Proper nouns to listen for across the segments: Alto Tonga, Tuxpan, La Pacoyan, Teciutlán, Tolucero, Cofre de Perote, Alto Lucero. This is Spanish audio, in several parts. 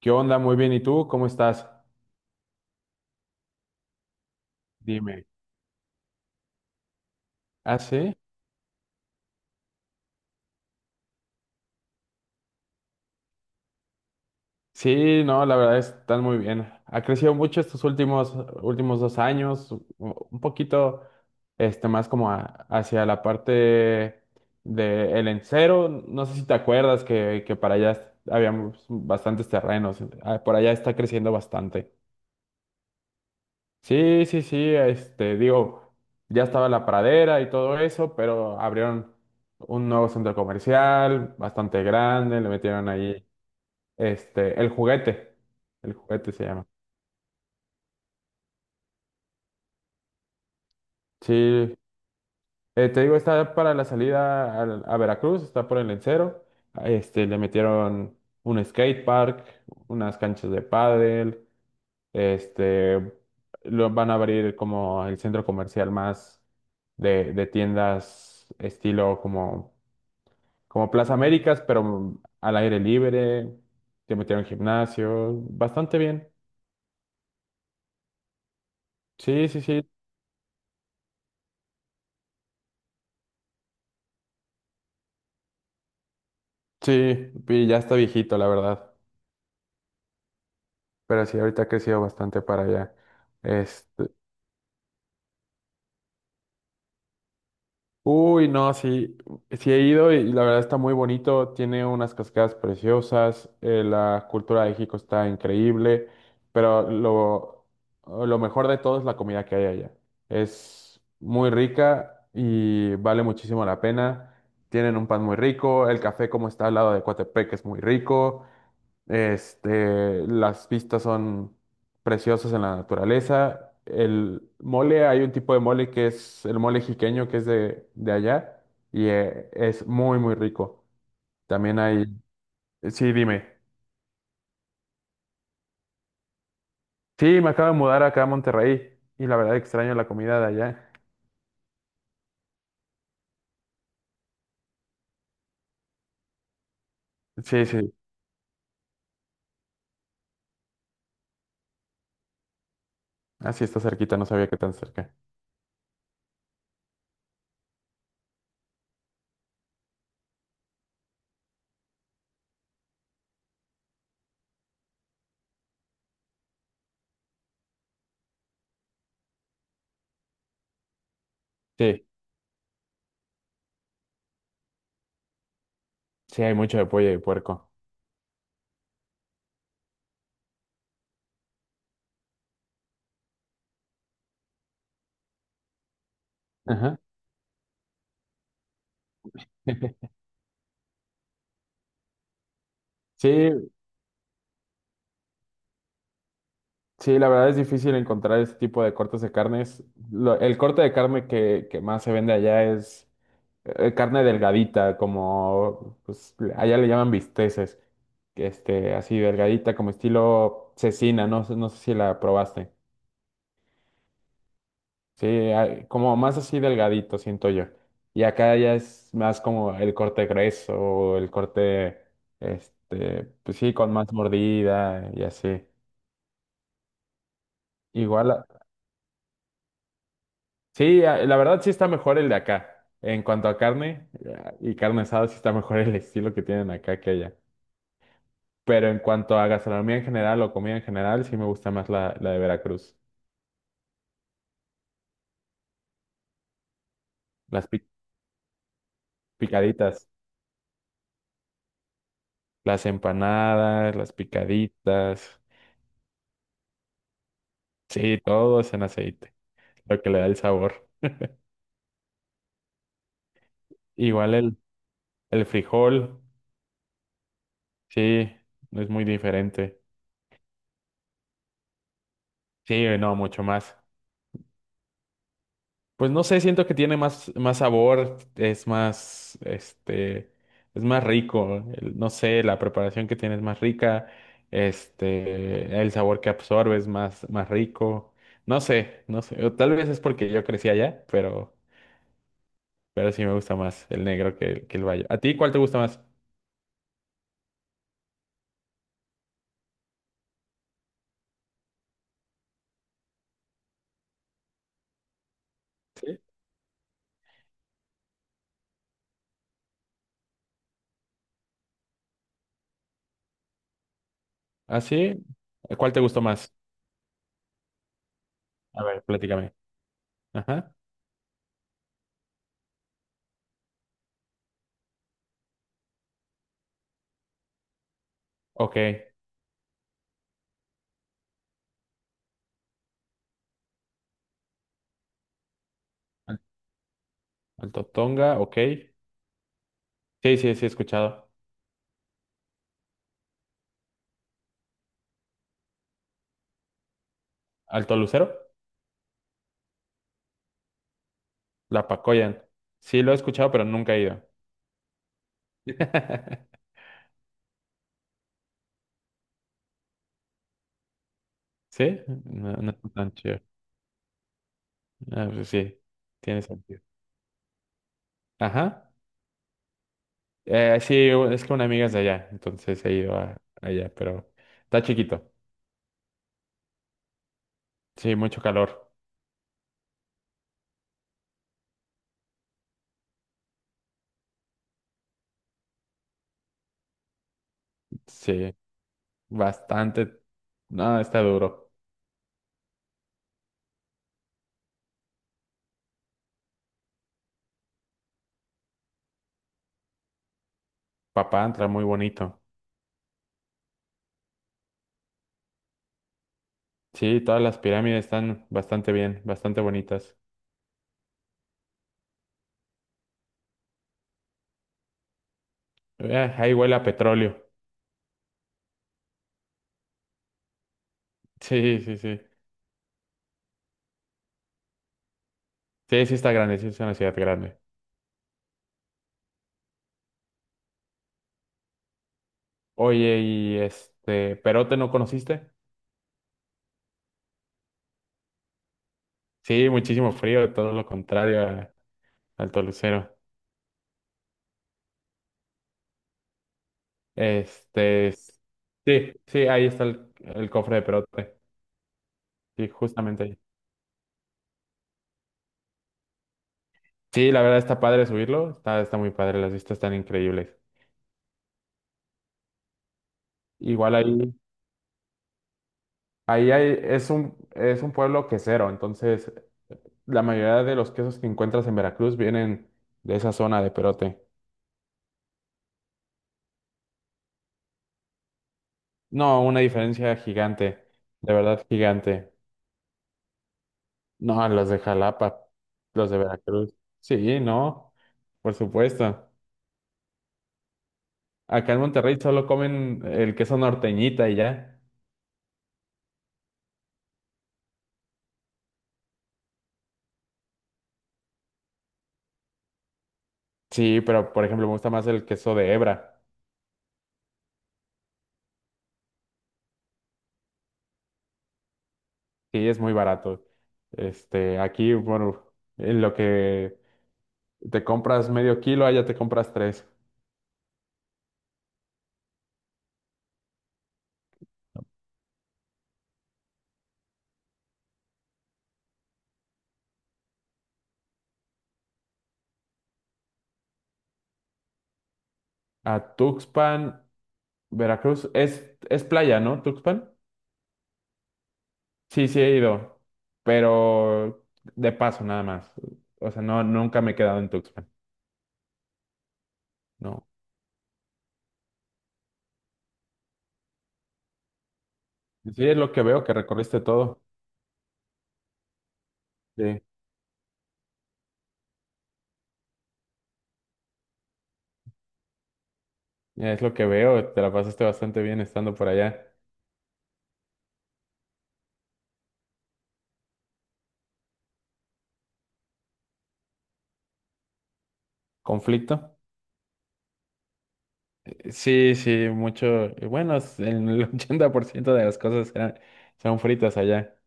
¿Qué onda? Muy bien. ¿Y tú? ¿Cómo estás? Dime. ¿Ah, sí? Sí, no, la verdad están muy bien. Ha crecido mucho estos últimos dos años, un poquito más como hacia la parte de el encero. No sé si te acuerdas que para allá habíamos bastantes terrenos. Ah, por allá está creciendo bastante. Sí, sí, sí, digo, ya estaba la pradera y todo eso, pero abrieron un nuevo centro comercial, bastante grande, le metieron ahí, este, el juguete, el juguete se llama. Sí, te digo, está para la salida a Veracruz, está por el Lencero, le metieron un skate park, unas canchas de pádel, Este, lo van a abrir como el centro comercial más de tiendas estilo como, como Plaza Américas, pero al aire libre, te metieron gimnasio, bastante bien. Sí, sí, sí, y ya está viejito, la verdad. Pero sí, ahorita ha crecido bastante para allá. Uy, no, sí, sí he ido y la verdad está muy bonito, tiene unas cascadas preciosas, la cultura de México está increíble, pero lo mejor de todo es la comida que hay allá. Es muy rica y vale muchísimo la pena. Tienen un pan muy rico, el café como está al lado de Coatepec es muy rico, las vistas son preciosas en la naturaleza. El mole, hay un tipo de mole que es el mole jiqueño, que es de allá, y es muy, muy rico. También hay, sí, dime. Sí, me acabo de mudar acá a Monterrey, y la verdad extraño la comida de allá. Sí, sí, así está cerquita, no sabía que tan cerca. Sí, sí, hay mucho de pollo y puerco. Ajá. Sí, sí, la verdad es difícil encontrar ese tipo de cortes de carnes. El corte de carne que más se vende allá es carne delgadita, como pues, allá le llaman bisteces, que así delgadita, como estilo cecina, no, no sé si la probaste. Sí, como más así delgadito, siento yo. Y acá ya es más como el corte grueso, o el corte, pues sí, con más mordida y así. Igual. Sí, la verdad sí está mejor el de acá. En cuanto a carne y carne asada, sí está mejor el estilo que tienen acá que allá. Pero en cuanto a gastronomía en general o comida en general, sí me gusta más la de Veracruz. Las pi- Picaditas, las empanadas, las picaditas. Sí, todo es en aceite, lo que le da el sabor. Igual el frijol, sí, es muy diferente. Sí, no, mucho más. Pues no sé, siento que tiene más, más sabor, es más, es más rico, no sé, la preparación que tiene es más rica, el sabor que absorbe es más, más rico, no sé, no sé, o tal vez es porque yo crecí allá, pero sí me gusta más el negro que, que el bayo. ¿A ti cuál te gusta más? Sí. ¿Ah, sí? ¿Cuál te gustó más? A ver, platícame. Ajá, ok. Al- Alto Tonga, ok. Sí, sí, sí, he escuchado. ¿Alto Lucero? La Pacoyan. Sí, lo he escuchado, pero nunca he ido. ¿Sí? No, no es tan chido. Ah, pues sí, tiene sentido. Ajá. Sí, es que una amiga es de allá, entonces he ido allá, pero está chiquito. Sí, mucho calor. Sí, bastante. No, está duro. Papá entra muy bonito. Sí, todas las pirámides están bastante bien, bastante bonitas. Ahí huele a petróleo. Sí, sí, sí. Sí, sí está grande, sí es una ciudad grande. Oye, y ¿Perote no conociste? Sí, muchísimo frío, todo lo contrario al Tolucero. Este, s- sí, sí, ahí está el cofre de Perote. Sí, justamente ahí. Sí, la verdad está padre subirlo, está, está muy padre, las vistas están increíbles. Igual ahí, ahí hay, es un pueblo quesero, entonces la mayoría de los quesos que encuentras en Veracruz vienen de esa zona de Perote. No, una diferencia gigante, de verdad gigante. No, los de Jalapa, los de Veracruz. Sí, no, por supuesto. Acá en Monterrey solo comen el queso norteñita y ya. Sí, pero por ejemplo me gusta más el queso de hebra. Sí, es muy barato. Aquí, bueno, en lo que te compras medio kilo, allá te compras tres. A Tuxpan, Veracruz, es playa, ¿no? Tuxpan. Sí, sí he ido, pero de paso nada más. O sea, no, nunca me he quedado en Tuxpan. No. Sí, es lo que veo, que recorriste todo. Sí. Es lo que veo, te la pasaste bastante bien estando por allá. ¿Conflicto? Sí, sí, mucho. Bueno, en el 80% de las cosas eran, son fritas allá.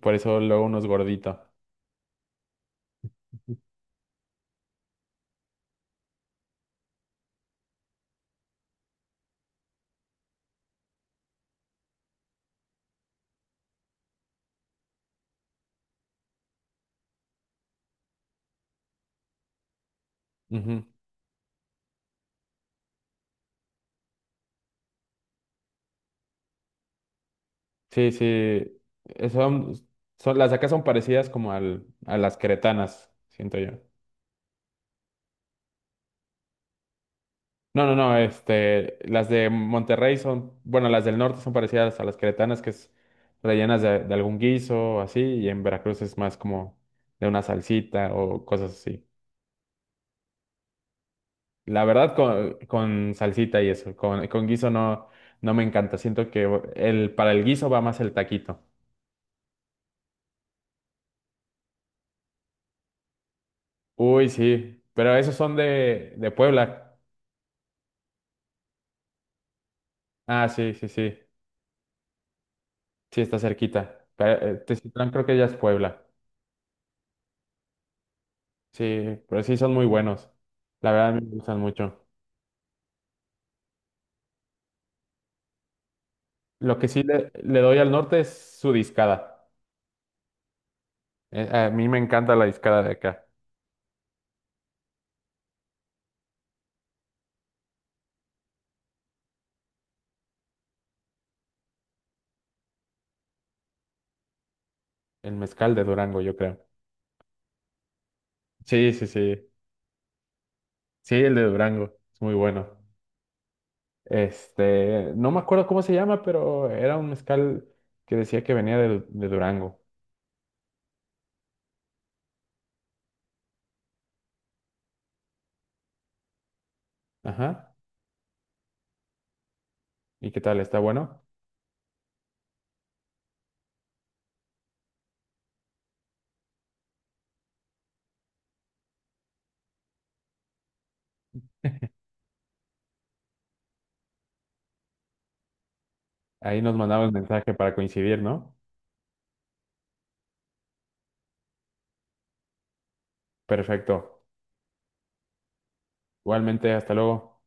Por eso luego uno es gordito. Ujú. Sí, sí. eh, Son, son las de acá son parecidas como a las cretanas, siento yo. No, no, no, las de Monterrey son, bueno, las del norte son parecidas a las queretanas, que es rellenas de algún guiso o así, y en Veracruz es más como de una salsita o cosas así. La verdad, con salsita y eso, con guiso no, no me encanta, siento que el, para el guiso va más el taquito. Uy, sí, pero esos son de Puebla. Ah, sí, sí, sí, sí, está cerquita. Pero, Teciutlán creo que ya es Puebla. Sí, pero sí son muy buenos. La verdad me gustan mucho. Lo que sí le doy al norte es su discada. A mí me encanta la discada de acá. El mezcal de Durango, yo creo. Sí, sí, sí. Sí, el de Durango. Es muy bueno. No me acuerdo cómo se llama, pero era un mezcal que decía que venía de Durango. Ajá. ¿Y qué tal? ¿Está bueno? Ahí nos mandamos mensaje para coincidir, ¿no? Perfecto. Igualmente, hasta luego.